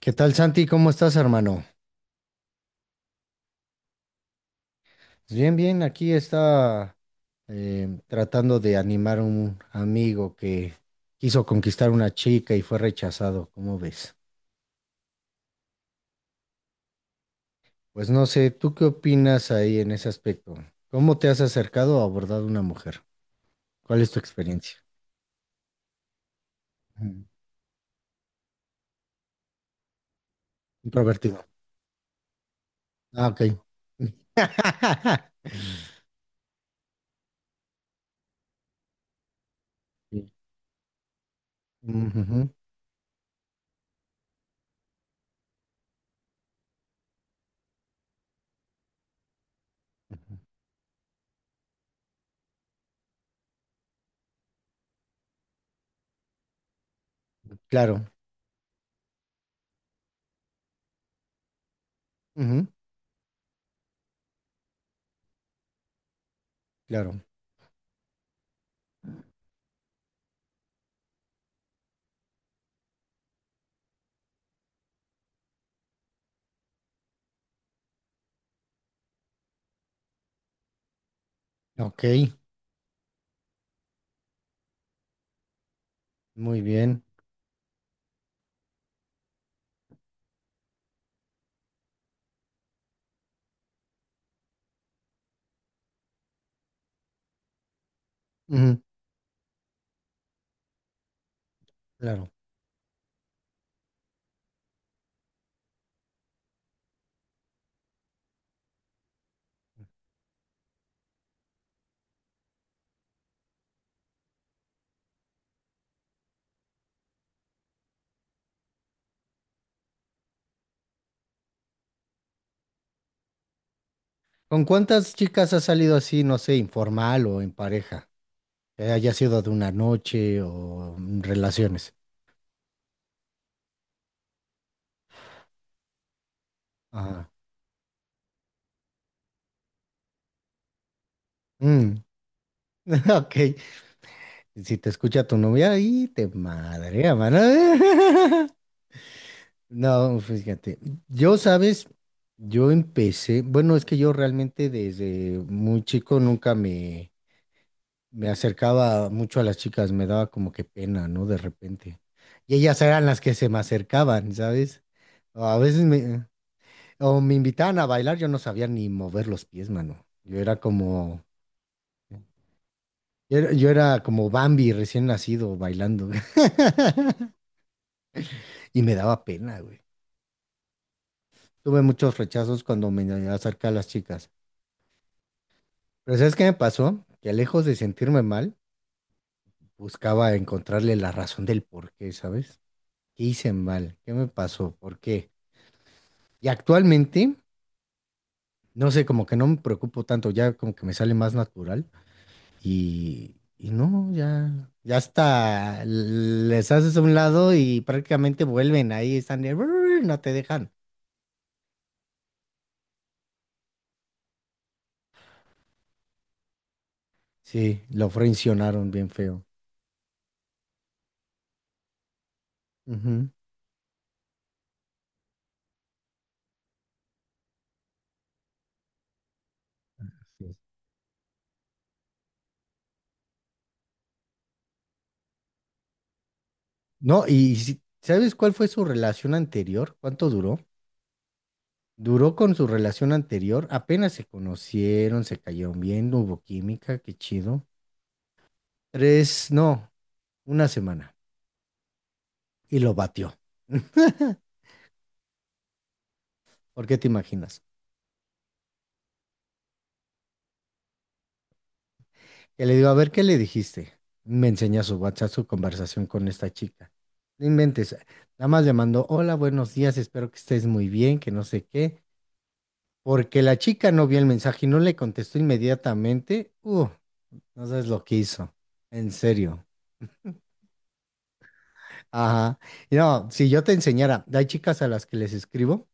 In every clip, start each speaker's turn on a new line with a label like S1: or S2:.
S1: ¿Qué tal, Santi? ¿Cómo estás, hermano? Bien, bien, aquí está tratando de animar a un amigo que quiso conquistar una chica y fue rechazado, ¿cómo ves? Pues no sé, ¿tú qué opinas ahí en ese aspecto? ¿Cómo te has acercado o abordado a una mujer? ¿Cuál es tu experiencia? Ujú. Introvertido. Ah, ok. Sí. Ujujú. Claro, ujú, claro. Ok, muy bien. Ujú, claro. ¿Con cuántas chicas has salido así, no sé, informal o en pareja? Que haya sido de una noche o mm, relaciones. Ajá. Mm. Ok. Si te escucha tu novia, ahí te madrea, mano. No, fíjate. Yo, sabes, yo empecé. Bueno, es que yo realmente desde muy chico nunca me acercaba mucho a las chicas. Me daba como que pena, ¿no? De repente. Y ellas eran las que se me acercaban, ¿sabes? A veces o me invitaban a bailar, yo no sabía ni mover los pies, mano. Yo era como, yo era como Bambi recién nacido bailando. Y me daba pena, güey. Tuve muchos rechazos cuando me acerqué a las chicas. Pero ¿sabes qué me pasó? Que lejos de sentirme mal, buscaba encontrarle la razón del por qué, ¿sabes? ¿Qué hice mal? ¿Qué me pasó? ¿Por qué? Y actualmente, no sé, como que no me preocupo tanto, ya como que me sale más natural. Y no, ya, ya hasta les haces a un lado y prácticamente vuelven ahí, están de, "Brr", no te dejan. Sí, lo frencionaron bien feo. Ujú. Así es. No, y ¿sabes cuál fue su relación anterior? ¿Cuánto duró? Duró con su relación anterior, apenas se conocieron, se cayeron bien, no hubo química, qué chido. Tres, no, una semana. Y lo batió. ¿Por qué te imaginas? Que le digo, a ver, ¿qué le dijiste? Me enseña su WhatsApp, su conversación con esta chica. No inventes. Nada más le mandó, hola, buenos días, espero que estés muy bien, que no sé qué. Porque la chica no vio el mensaje y no le contestó inmediatamente. No sabes lo que hizo. En serio. Ajá. No, si yo te enseñara, hay chicas a las que les escribo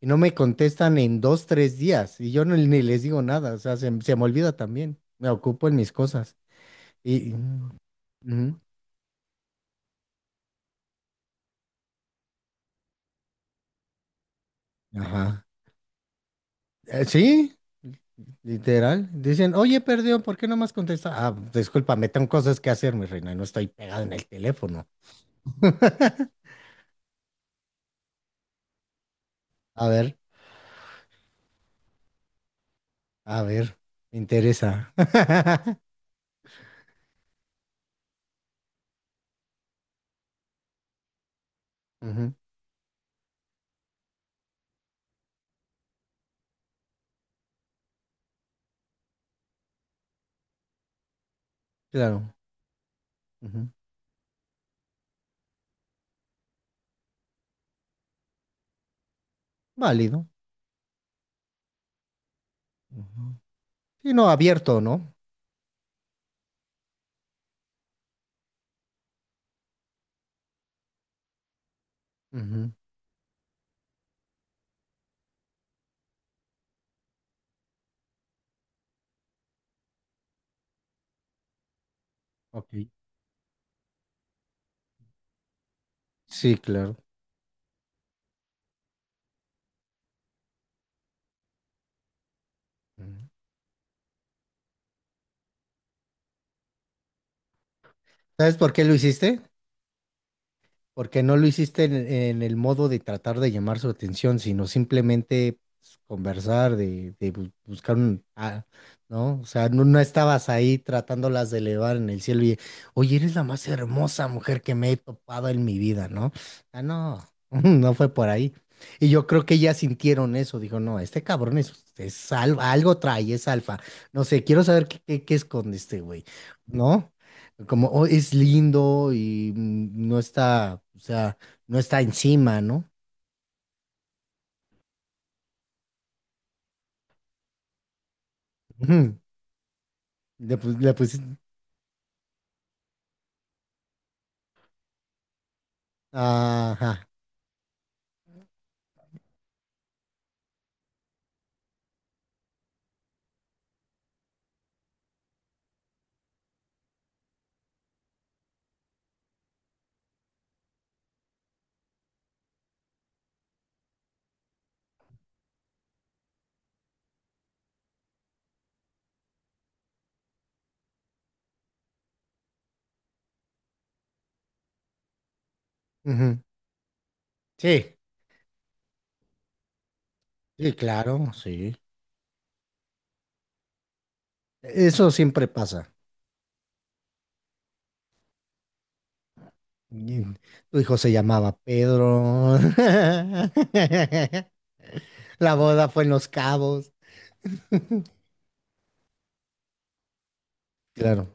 S1: y no me contestan en dos, tres días y yo ni les digo nada. O sea, se me olvida también. Me ocupo en mis cosas. Y. Ujú. Ajá. Sí, literal. Dicen, oye, perdió, ¿por qué no me has contestado? Ah, discúlpame, tengo cosas que hacer, mi reina, y no estoy pegado en el teléfono. A ver, a ver, me interesa. Ujú, claro. Ujú, válido. Ujú. Sí, no, abierto, ¿no? Ujú, ok. Sí, claro. Ujú. ¿Sabes por qué lo hiciste? Porque no lo hiciste en el modo de tratar de llamar su atención, sino simplemente pues, conversar, buscar un ah, ¿no? O sea, no, no estabas ahí tratándolas de elevar en el cielo y, oye, eres la más hermosa mujer que me he topado en mi vida, ¿no? Ah, no, no fue por ahí. Y yo creo que ellas sintieron eso, dijo, no, este cabrón es alfa, algo trae, es alfa. No sé, quiero saber qué esconde este güey, ¿no? Como "Oh, es lindo y mm, no está, o sea, no está encima, ¿no? Ujú. Le pusiste. Ajá. Ujú. Sí, sí, claro, sí. Eso siempre pasa. Y tu hijo se llamaba Pedro. La boda fue en Los Cabos. Claro.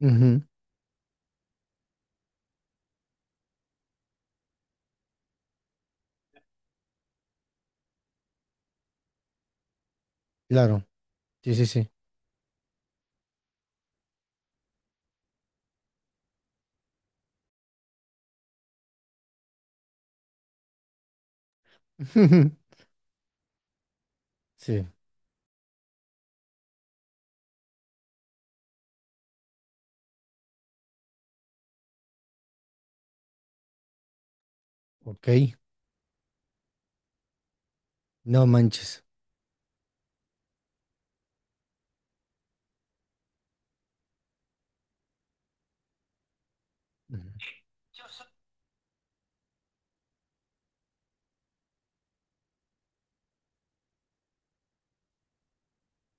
S1: Ujú, ujú, claro. Sí, sí, sí. Sí, ok. No manches. Ujú.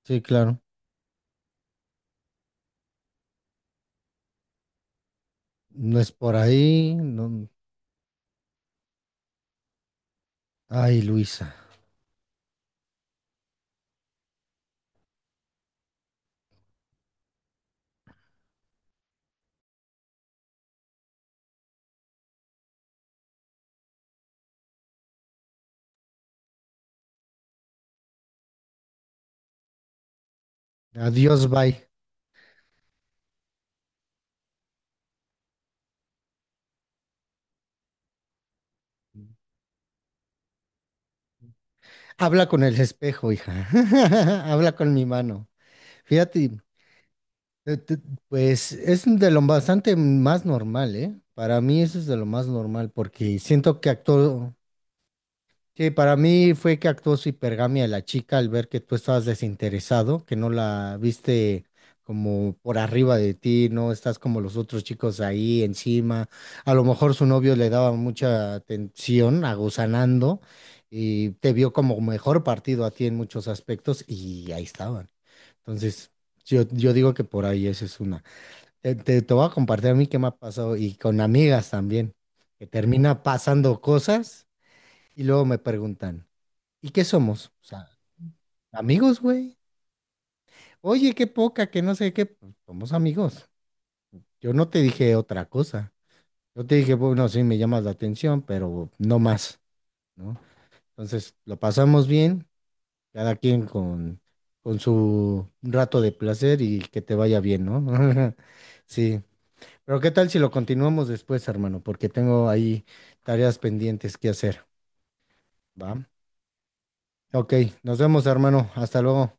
S1: Sí, claro. No es por ahí. No. Ay, Luisa. Adiós, bye. Habla con el espejo, hija. Habla con mi mano. Fíjate, eh, te- pues es de lo bastante más normal, ¿eh? Para mí eso es de lo más normal porque siento que actúo, sí, para mí fue que actuó su hipergamia la chica al ver que tú estabas desinteresado, que no la viste como por arriba de ti, no estás como los otros chicos ahí encima. A lo mejor su novio le daba mucha atención, aguzanando, y te vio como mejor partido a ti en muchos aspectos y ahí estaban. Entonces, yo digo que por ahí esa es una. Te voy a compartir a mí qué me ha pasado y con amigas también, que termina pasando cosas y luego me preguntan. ¿Y qué somos? O sea, amigos, güey. Oye, qué poca, que no sé qué. Pues, somos amigos. Yo no te dije otra cosa. Yo te dije, bueno, sí, me llamas la atención, pero no más, ¿no? Entonces, lo pasamos bien, cada quien con su rato de placer y que te vaya bien, ¿no? Sí. Pero ¿qué tal si lo continuamos después, hermano? Porque tengo ahí tareas pendientes que hacer, ¿va? Ok, nos vemos, hermano. Hasta luego.